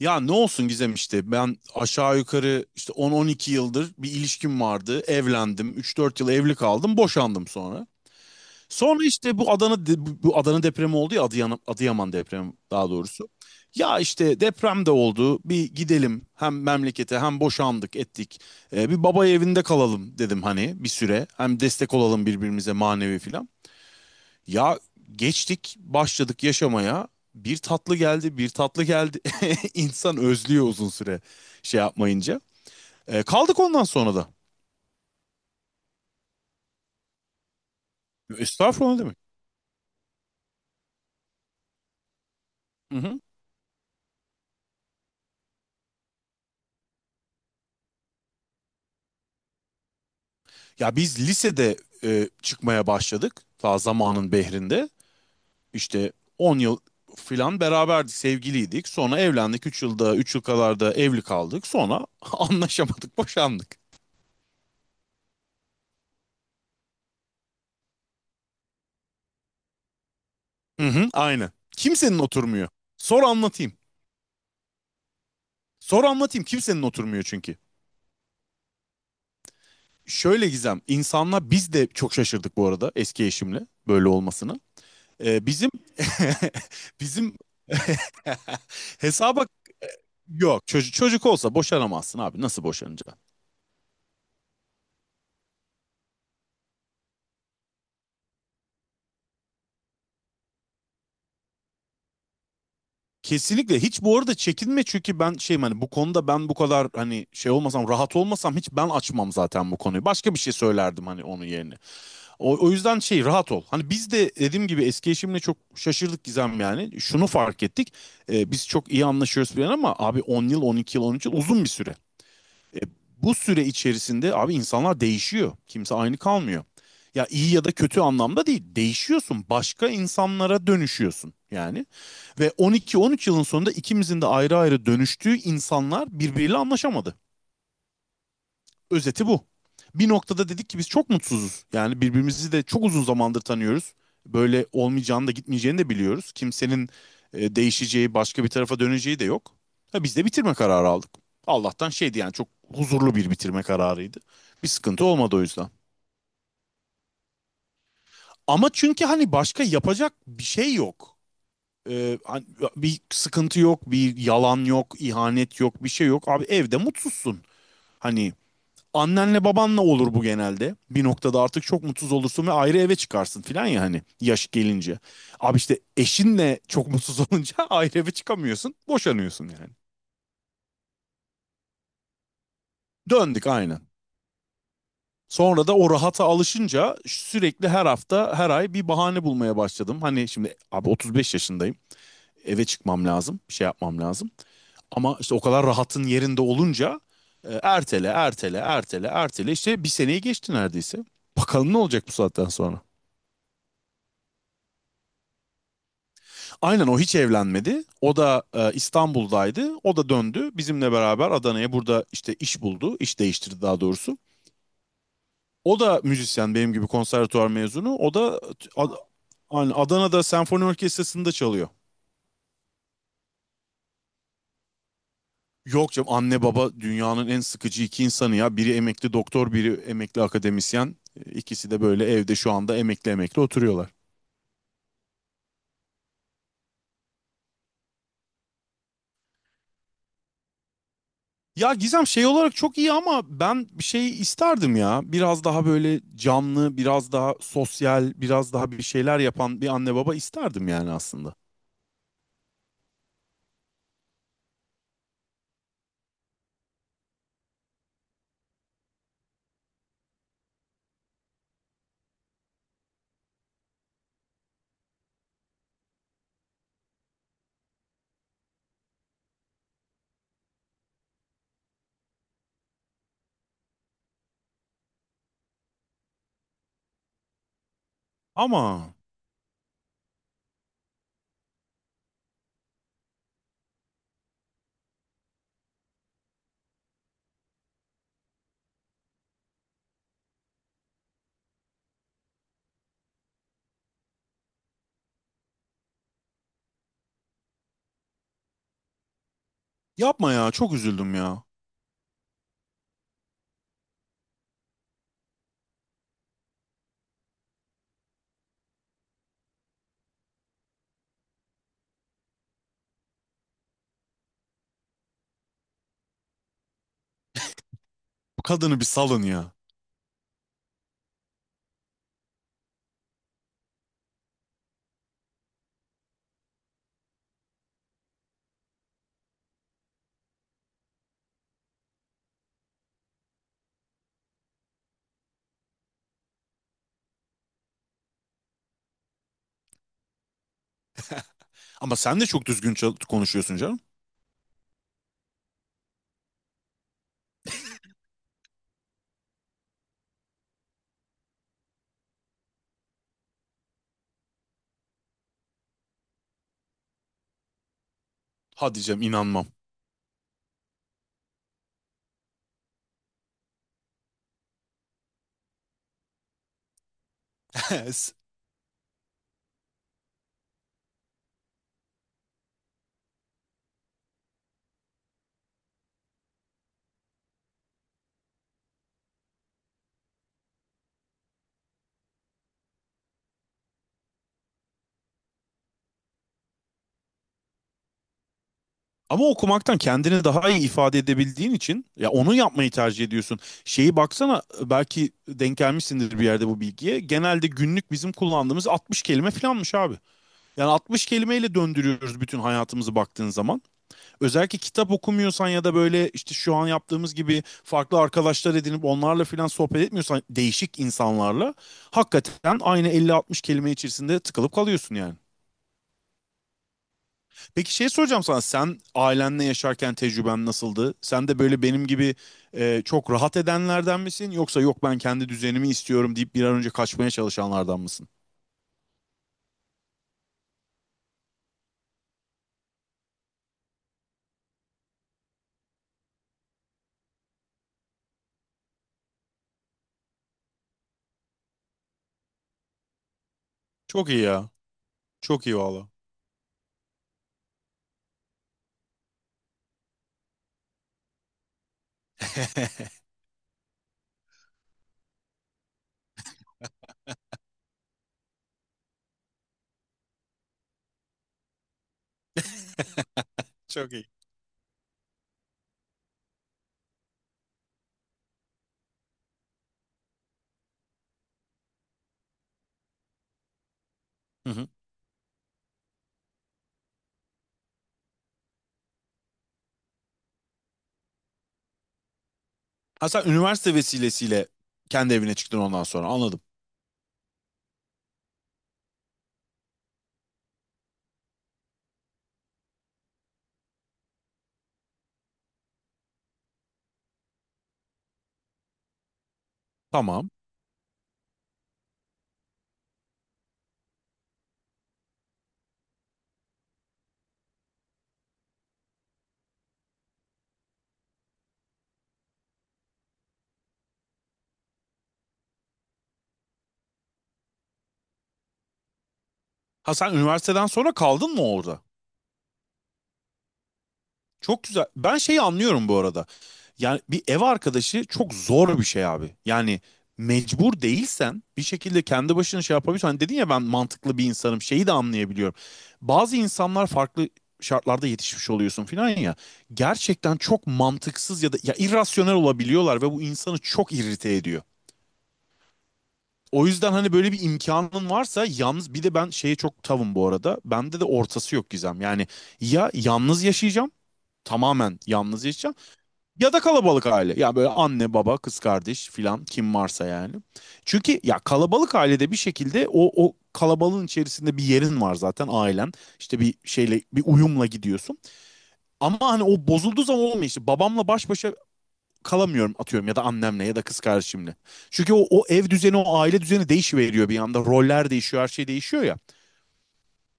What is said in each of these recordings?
Ya ne olsun Gizem ben aşağı yukarı 10-12 yıldır bir ilişkim vardı. Evlendim. 3-4 yıl evli kaldım. Boşandım sonra. Sonra işte bu bu Adana depremi oldu ya Adıyaman depremi daha doğrusu. Ya işte deprem de oldu. Bir gidelim hem memlekete hem boşandık ettik. Bir baba evinde kalalım dedim hani bir süre. Hem destek olalım birbirimize manevi filan. Ya geçtik başladık yaşamaya. Bir tatlı geldi, bir tatlı geldi. İnsan özlüyor uzun süre şey yapmayınca. Kaldık ondan sonra da. Estağfurullah, ne demek. Hı hı. Ya biz lisede çıkmaya başladık. Ta zamanın behrinde. İşte 10 yıl filan beraberdik, sevgiliydik. Sonra evlendik. Üç yıl kadar da evli kaldık. Sonra anlaşamadık, boşandık. Hı hı, aynen. Kimsenin oturmuyor. Sor anlatayım. Sor anlatayım, kimsenin oturmuyor çünkü. Şöyle Gizem, insanlar biz de çok şaşırdık bu arada eski eşimle böyle olmasını. Bizim bizim hesaba yok. Çocuk olsa boşanamazsın abi. Nasıl boşanacaksın? Kesinlikle, hiç bu arada çekinme çünkü ben şeyim hani bu konuda, ben bu kadar hani şey olmasam, rahat olmasam hiç ben açmam zaten bu konuyu. Başka bir şey söylerdim hani onun yerine. O yüzden şey, rahat ol. Hani biz de dediğim gibi eski eşimle çok şaşırdık Gizem yani. Şunu fark ettik. Biz çok iyi anlaşıyoruz falan ama abi 10 yıl, 12 yıl, 13 yıl uzun bir süre. Bu süre içerisinde abi insanlar değişiyor. Kimse aynı kalmıyor. Ya iyi ya da kötü anlamda değil. Değişiyorsun. Başka insanlara dönüşüyorsun yani. Ve 12-13 yılın sonunda ikimizin de ayrı ayrı dönüştüğü insanlar birbiriyle anlaşamadı. Özeti bu. Bir noktada dedik ki biz çok mutsuzuz. Yani birbirimizi de çok uzun zamandır tanıyoruz. Böyle olmayacağını da gitmeyeceğini de biliyoruz. Kimsenin değişeceği, başka bir tarafa döneceği de yok. Ha, biz de bitirme kararı aldık. Allah'tan şeydi yani, çok huzurlu bir bitirme kararıydı. Bir sıkıntı olmadı o yüzden. Ama çünkü hani başka yapacak bir şey yok. Hani bir sıkıntı yok, bir yalan yok, ihanet yok, bir şey yok. Abi evde mutsuzsun. Hani annenle babanla olur bu genelde. Bir noktada artık çok mutsuz olursun ve ayrı eve çıkarsın filan ya hani yaş gelince. Abi işte eşinle çok mutsuz olunca ayrı eve çıkamıyorsun. Boşanıyorsun yani. Döndük aynen. Sonra da o rahata alışınca sürekli her hafta her ay bir bahane bulmaya başladım. Hani şimdi abi 35 yaşındayım. Eve çıkmam lazım. Bir şey yapmam lazım. Ama işte o kadar rahatın yerinde olunca ertele ertele ertele ertele işte bir seneyi geçti neredeyse. Bakalım ne olacak bu saatten sonra. Aynen, o hiç evlenmedi. O da İstanbul'daydı. O da döndü. Bizimle beraber Adana'ya, burada işte iş buldu. İş değiştirdi daha doğrusu. O da müzisyen, benim gibi konservatuvar mezunu. O da t- Ad- aynen Adana'da senfoni orkestrasında çalıyor. Yok canım, anne baba dünyanın en sıkıcı iki insanı ya. Biri emekli doktor, biri emekli akademisyen. İkisi de böyle evde şu anda emekli emekli oturuyorlar. Ya Gizem şey olarak çok iyi ama ben bir şey isterdim ya. Biraz daha böyle canlı, biraz daha sosyal, biraz daha bir şeyler yapan bir anne baba isterdim yani aslında. Ama yapma ya, çok üzüldüm ya. Bu kadını bir salın ya. Ama sen de çok düzgün konuşuyorsun canım. Hadi canım, inanmam. Ama okumaktan kendini daha iyi ifade edebildiğin için ya onu yapmayı tercih ediyorsun. Şeyi baksana, belki denk gelmişsindir bir yerde bu bilgiye. Genelde günlük bizim kullandığımız 60 kelime falanmış abi. Yani 60 kelimeyle döndürüyoruz bütün hayatımızı baktığın zaman. Özellikle kitap okumuyorsan ya da böyle işte şu an yaptığımız gibi farklı arkadaşlar edinip onlarla filan sohbet etmiyorsan değişik insanlarla hakikaten aynı 50-60 kelime içerisinde tıkılıp kalıyorsun yani. Peki şey soracağım sana, sen ailenle yaşarken tecrüben nasıldı? Sen de böyle benim gibi çok rahat edenlerden misin, yoksa yok ben kendi düzenimi istiyorum deyip bir an önce kaçmaya çalışanlardan mısın? Çok iyi ya. Çok iyi valla. Çok iyi. Hı hı. Hasan üniversite vesilesiyle kendi evine çıktın ondan sonra, anladım. Tamam. Hasan üniversiteden sonra kaldın mı orada? Çok güzel. Ben şeyi anlıyorum bu arada. Yani bir ev arkadaşı çok zor bir şey abi. Yani mecbur değilsen bir şekilde kendi başına şey yapabiliyorsun. Hani dedin ya ben mantıklı bir insanım, şeyi de anlayabiliyorum. Bazı insanlar farklı şartlarda yetişmiş oluyorsun filan ya. Gerçekten çok mantıksız ya da ya irrasyonel olabiliyorlar ve bu insanı çok irrite ediyor. O yüzden hani böyle bir imkanın varsa yalnız, bir de ben şeye çok tavım bu arada. Bende de ortası yok Gizem. Yani ya yalnız yaşayacağım, tamamen yalnız yaşayacağım ya da kalabalık aile. Ya böyle anne, baba, kız kardeş filan kim varsa yani. Çünkü ya kalabalık ailede bir şekilde o kalabalığın içerisinde bir yerin var zaten ailen. İşte bir şeyle bir uyumla gidiyorsun. Ama hani o bozulduğu zaman olmuyor işte. Babamla baş başa kalamıyorum atıyorum, ya da annemle ya da kız kardeşimle. Çünkü o ev düzeni, o aile düzeni değişiveriyor bir anda. Roller değişiyor, her şey değişiyor ya.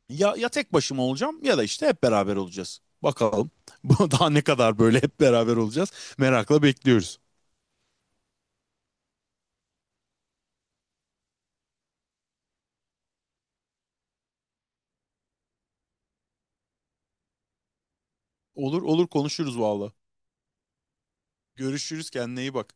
Ya, ya tek başıma olacağım ya da işte hep beraber olacağız. Bakalım. Daha ne kadar böyle hep beraber olacağız? Merakla bekliyoruz. Olur olur, konuşuruz valla. Görüşürüz, kendine iyi bak.